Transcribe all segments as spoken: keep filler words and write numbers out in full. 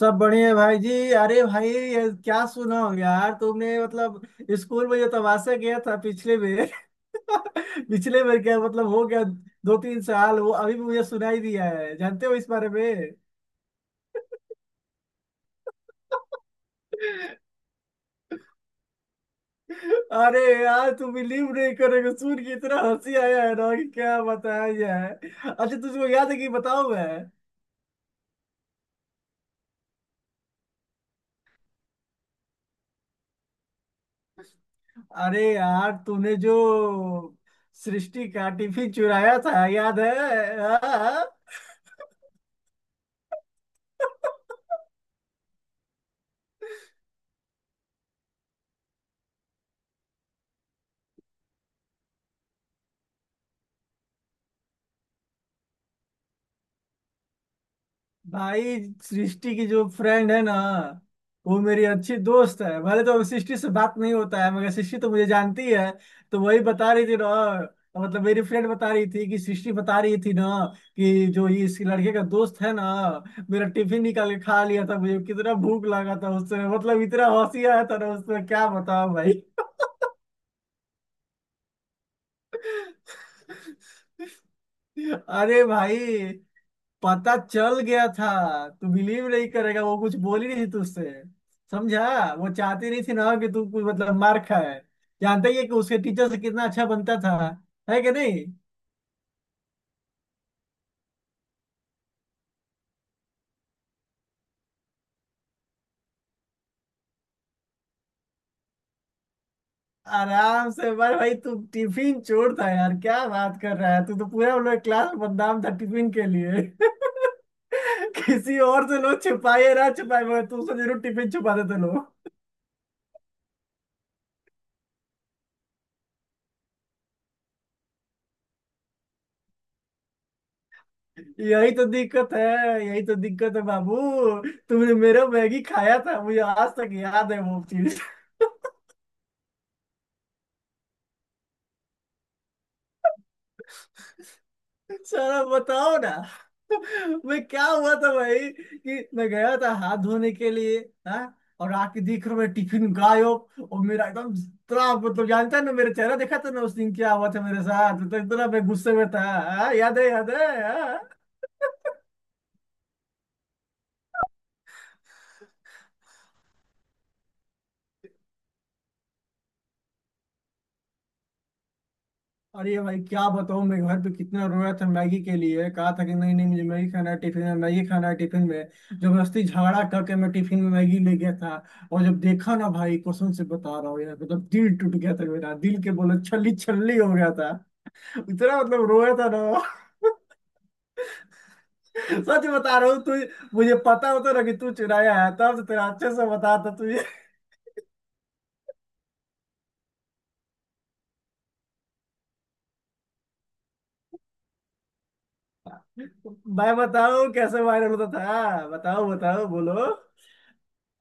सब बढ़िया है भाई जी। अरे भाई, ये क्या सुना हो यार तुमने, मतलब स्कूल में जो तमाशा किया था पिछले में। पिछले में क्या मतलब हो गया। दो तीन साल वो अभी भी मुझे सुनाई दिया है, जानते हो इस बारे में? अरे यार, तुम बिलीव नहीं करोगे, सुन के इतना हंसी आया है ना कि क्या बताया जाए। अच्छा तुझको याद है कि बताओ मैं। अरे यार, तूने जो सृष्टि का टिफिन चुराया था, याद है? हाँ? हाँ। भाई, सृष्टि की जो फ्रेंड है ना, वो मेरी अच्छी दोस्त है, भले तो सृष्टि से बात नहीं होता है मगर सृष्टि तो मुझे जानती है। तो वही बता रही थी ना। मतलब मेरी फ्रेंड बता रही थी कि सृष्टि बता रही थी ना, कि जो ये इस लड़के का दोस्त है ना, मेरा टिफिन निकाल के खा लिया था, मुझे कितना भूख लगा था उससे, मतलब इतना हंसी आया था ना उसमें, क्या बताऊं भाई। अरे भाई, पता चल गया था। तू बिलीव नहीं करेगा, वो कुछ बोली नहीं थी तुझसे, समझा? वो चाहती नहीं थी ना कि तू कुछ, मतलब मार खाए। जानता ही है कि उसके टीचर से कितना अच्छा बनता था, है कि नहीं। आराम से बार भाई, तू टिफिन चोर था यार, क्या बात कर रहा है, तू तो पूरा उन क्लास में बदनाम था टिफिन के लिए। किसी और से लोग छिपाए ना छिपाए मगर तू से जरूर टिफिन छुपाते थे लोग। यही तो दिक्कत है। यही तो दिक्कत है बाबू, तुमने मेरा मैगी खाया था, मुझे आज तक याद है वो चीज। सारा बताओ ना, मैं क्या हुआ था भाई कि मैं गया था हाथ धोने के लिए। हाँ, और आके देख रहा हूं मैं, टिफिन गायब। और मेरा एकदम इतना, मतलब जानता है ना मेरा चेहरा, देखा था ना उस दिन क्या हुआ था मेरे साथ, मतलब इतना मैं गुस्से में था। हाँ, याद है याद है हाँ। अरे भाई, क्या बताऊं, मैं घर पे कितना रोया था मैगी के लिए, कहा था कि नहीं नहीं, मुझे मैगी खाना है टिफिन में, मैगी खाना है टिफिन में। जबरदस्ती झगड़ा करके मैं टिफिन में मैगी ले गया था, और जब देखा ना भाई, कसम से बता रहा हूँ यार, मतलब दिल टूट गया था मेरा, दिल के बोले छल्ली छल्ली हो गया था, इतना मतलब रोया था ना। सच बता रहा हूँ तू, मुझे पता होता ना कि तू चुराया है तब तो तेरा अच्छे से बताता तुझे। मैं बताऊँ कैसे वायरल होता था, हाँ, बताओ बताओ बोलो।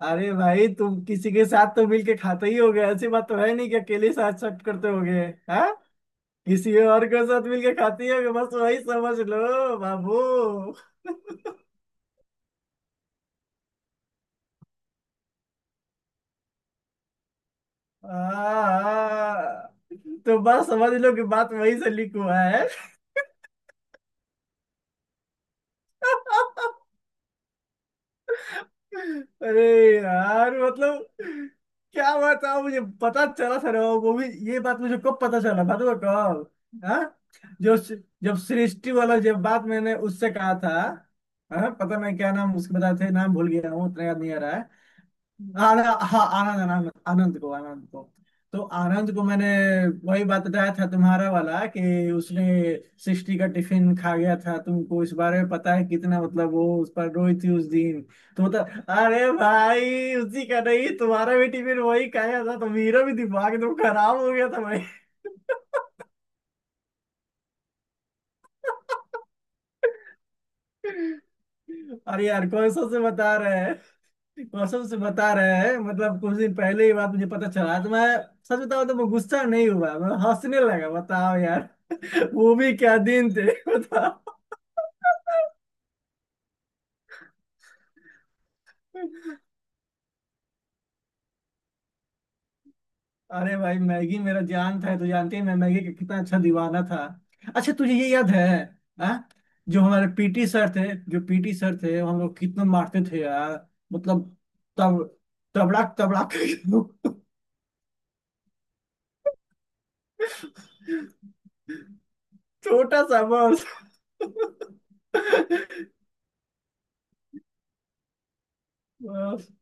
अरे भाई, तुम किसी के साथ तो मिलके खाते ही होगे, ऐसी बात तो है नहीं कि अकेले साथ सब करते होगे। हाँ, किसी और के साथ मिलके खाते ही होगे, बस वही समझ लो बाबू। हाँ, हाँ। तो बस समझ लो कि बात वही से लिख हुआ है। अरे यार, मतलब क्या बात था, मुझे पता चला सर, वो भी ये बात मुझे कब पता चला, बात हुआ कब, हाँ? जो जब सृष्टि वाला जब बात मैंने उससे कहा था। हाँ, पता नहीं क्या नाम, उसके बताए थे नाम भूल गया हूँ, उतना याद नहीं आ रहा है। आनंद, हाँ, आनंद आनंद आनंद को आनंद को तो आनंद को मैंने वही बात बताया था, तुम्हारा वाला कि उसने सृष्टि का टिफिन खा गया था, तुमको इस बारे में पता है कितना, मतलब वो उस पर रोई थी उस दिन। तो मतलब अरे भाई, उसी का नहीं तुम्हारा भी टिफिन वही खाया था, तो मेरा भी दिमाग एकदम खराब हो गया था भाई। अरे यार, कौन सा से बता रहे हैं, कौन सा से बता रहे हैं, मतलब कुछ दिन पहले ही बात मुझे पता चला, तो मैं सच बताऊं तो मैं गुस्सा नहीं हुआ, मैं हंसने लगा, बताओ यार, वो भी क्या दिन थे। बताओ। अरे भाई, मैगी मेरा जान था, तो जानती है मैं मैगी का कितना अच्छा दीवाना था। अच्छा तुझे ये याद है? हाँ। जो हमारे पीटी सर थे, जो पीटी सर थे वो, हम लोग कितना मारते थे यार, मतलब तब तबड़ाक तबड़ाक। छोटा सा बस।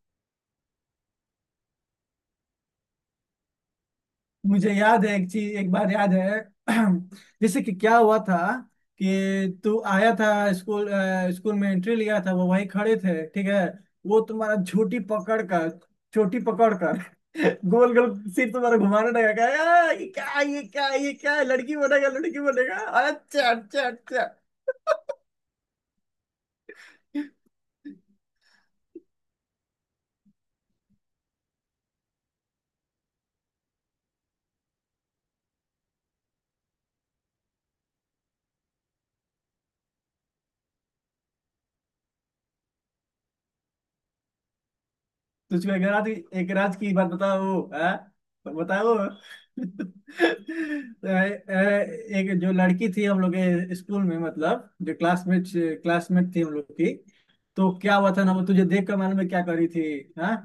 मुझे याद है एक चीज एक बार, याद है? जैसे कि क्या हुआ था कि तू आया था स्कूल, अ, स्कूल में एंट्री लिया था, वो वहीं खड़े थे ठीक है, वो तुम्हारा झूठी पकड़ कर चोटी पकड़ कर, गोल गोल सिर तुम्हारा घुमाने लगा, कहा, "आ, ये क्या ये क्या ये क्या है? लड़की बनेगा लड़की बनेगा।" अच्छा अच्छा अच्छा। तुझको एक रात एक रात की बात बताओ, हाँ? बताओ। तो, ए- एक जो लड़की थी हम लोग के स्कूल में, मतलब जो क्लासमेट क्लासमेट थी हम लोग की, तो क्या हुआ था ना, वो तुझे देख कर मालूम है क्या करी थी, हाँ?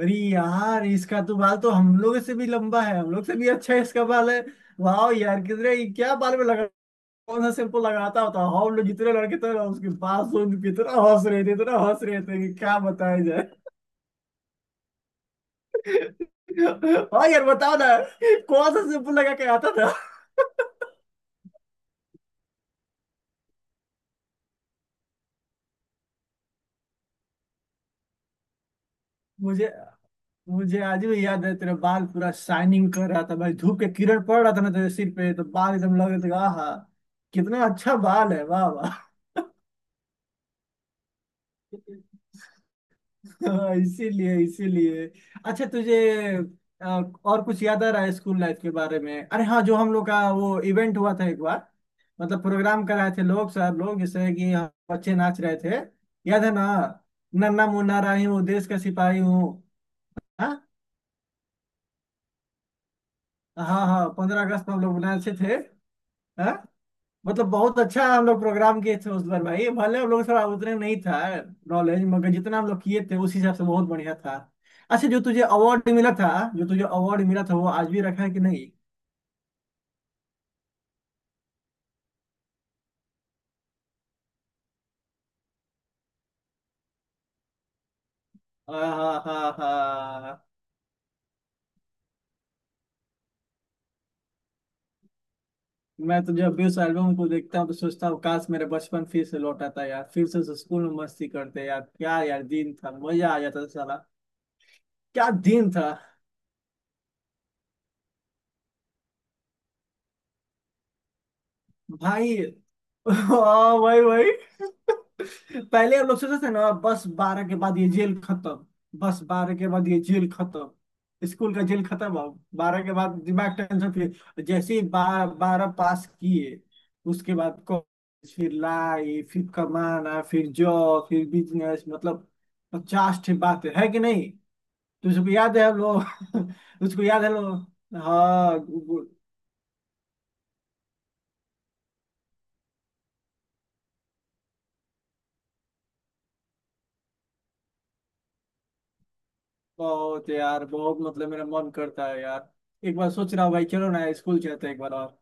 अरे यार, इसका तो बाल तो हम लोग से भी लंबा है, हम लोग से भी अच्छा है इसका बाल है, वाह यार, कितने क्या बाल में लगा, कौन सा शैम्पू लगाता होता, हम लोग जितने लड़के थे ना उसके बाल सुन के इतना हंस रहे थे, इतना हंस रहे थे कि क्या बताया जाए। हाँ यार, बताओ ना, कौन सा शैम्पू लगा के आता था। मुझे मुझे आज भी याद है तेरा बाल पूरा शाइनिंग कर रहा था भाई, धूप के किरण पड़ रहा था ना तेरे सिर पे, तो बाल एकदम लग रहे थे, आहा, कितना अच्छा बाल है, वाह वाह। हाँ, इसीलिए इसीलिए। अच्छा तुझे अ, और कुछ याद आ रहा है स्कूल लाइफ के बारे में? अरे हाँ, जो हम लोग का वो इवेंट हुआ था एक बार, मतलब प्रोग्राम कराए थे लोग, सर लोग जैसे कि हम बच्चे नाच रहे थे, याद है ना, नन्ना मुन्ना राही हूँ देश का सिपाही हूँ। हाँ हाँ हाँ, पंद्रह अगस्त को हम लोग नाचे थे। हाँ, मतलब बहुत अच्छा हम लोग प्रोग्राम किए थे उस बार भाई, भले हम लोग थोड़ा उतने नहीं था नॉलेज, मगर जितना हम लोग किए थे उस हिसाब से बहुत बढ़िया था। अच्छा जो तुझे अवार्ड मिला था, जो तुझे अवार्ड मिला था वो आज भी रखा है कि नहीं? हाँ हाँ हाँ हाँ। मैं तो जब भी उस एल्बम को देखता हूँ तो सोचता हूँ काश मेरे बचपन फिर से लौट आता यार, फिर से स्कूल में मस्ती करते यार, क्या यार दिन था, मजा आ जाता था साला, क्या दिन था भाई। हाँ भाई भाई, पहले हम लोग सोचते थे ना बस बारह के बाद ये जेल खत्म, बस बारह के बाद ये जेल खत्म, स्कूल का जेल खत्म। अब बारह के बाद दिमाग टेंशन, फिर जैसे ही बारह बारह पास किए, उसके बाद कॉलेज, फिर लाइफ, फिर कमाना, फिर जॉब, फिर बिजनेस, मतलब पचास ठे बात है, है कि नहीं। तुझको याद है हम लोग, तुझको याद है हम लोग, हाँ? बहुत यार, बहुत मतलब मेरा मन करता है यार, एक बार सोच रहा हूँ भाई चलो ना स्कूल चलते हैं एक बार और,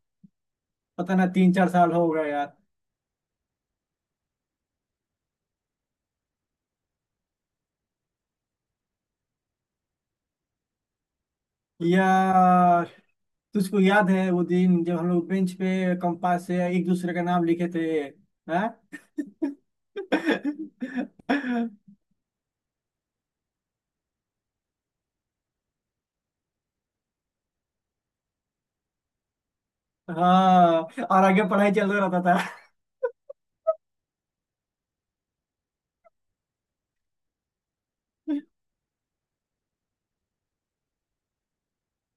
पता ना तीन चार साल हो गए यार। यार तुझको याद है वो दिन जब हम लोग बेंच पे कंपास से एक दूसरे का नाम लिखे थे? हाँ। हाँ, और आगे पढ़ाई चल रहा था।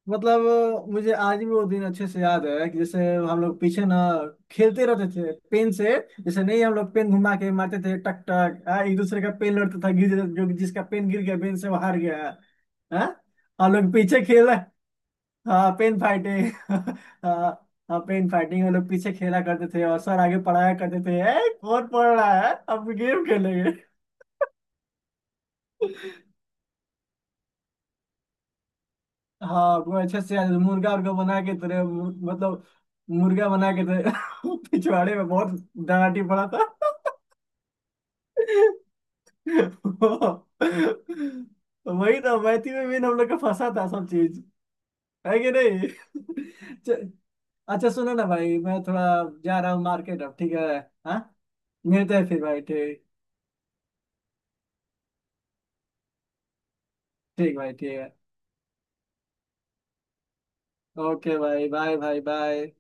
मतलब मुझे आज भी वो दिन अच्छे से याद है, कि जैसे हम लोग पीछे ना खेलते रहते थे पेन से, जैसे नहीं, हम लोग पेन घुमा के मारते थे टक टक, आ, एक दूसरे का पेन लड़ता था गिर, जो जिसका पेन गिर गया पेन से वो हार गया। हाँ, हम लोग पीछे खेल, हाँ पेन फाइटिंग। हाँ हाँ पेन फाइटिंग हम लोग पीछे खेला करते थे, और सर आगे पढ़ाया करते थे, ए, कौन पढ़ रहा है, अब गेम खेलेंगे। हाँ वो अच्छे से आज मुर्गा उर्गा बना के तेरे मुर- मतलब मुर्गा बना के तेरे पिछवाड़े में बहुत डराटी पड़ा था। वही ना मैथी में भी हम लोग का फंसा था सब चीज, है कि नहीं? च- अच्छा सुनो ना भाई, मैं थोड़ा जा रहा हूँ मार्केट अब, ठीक है? हाँ, मिलते हैं फिर भाई, ठीक। ठीक भाई ठीक है, ओके भाई बाय, भाई बाय।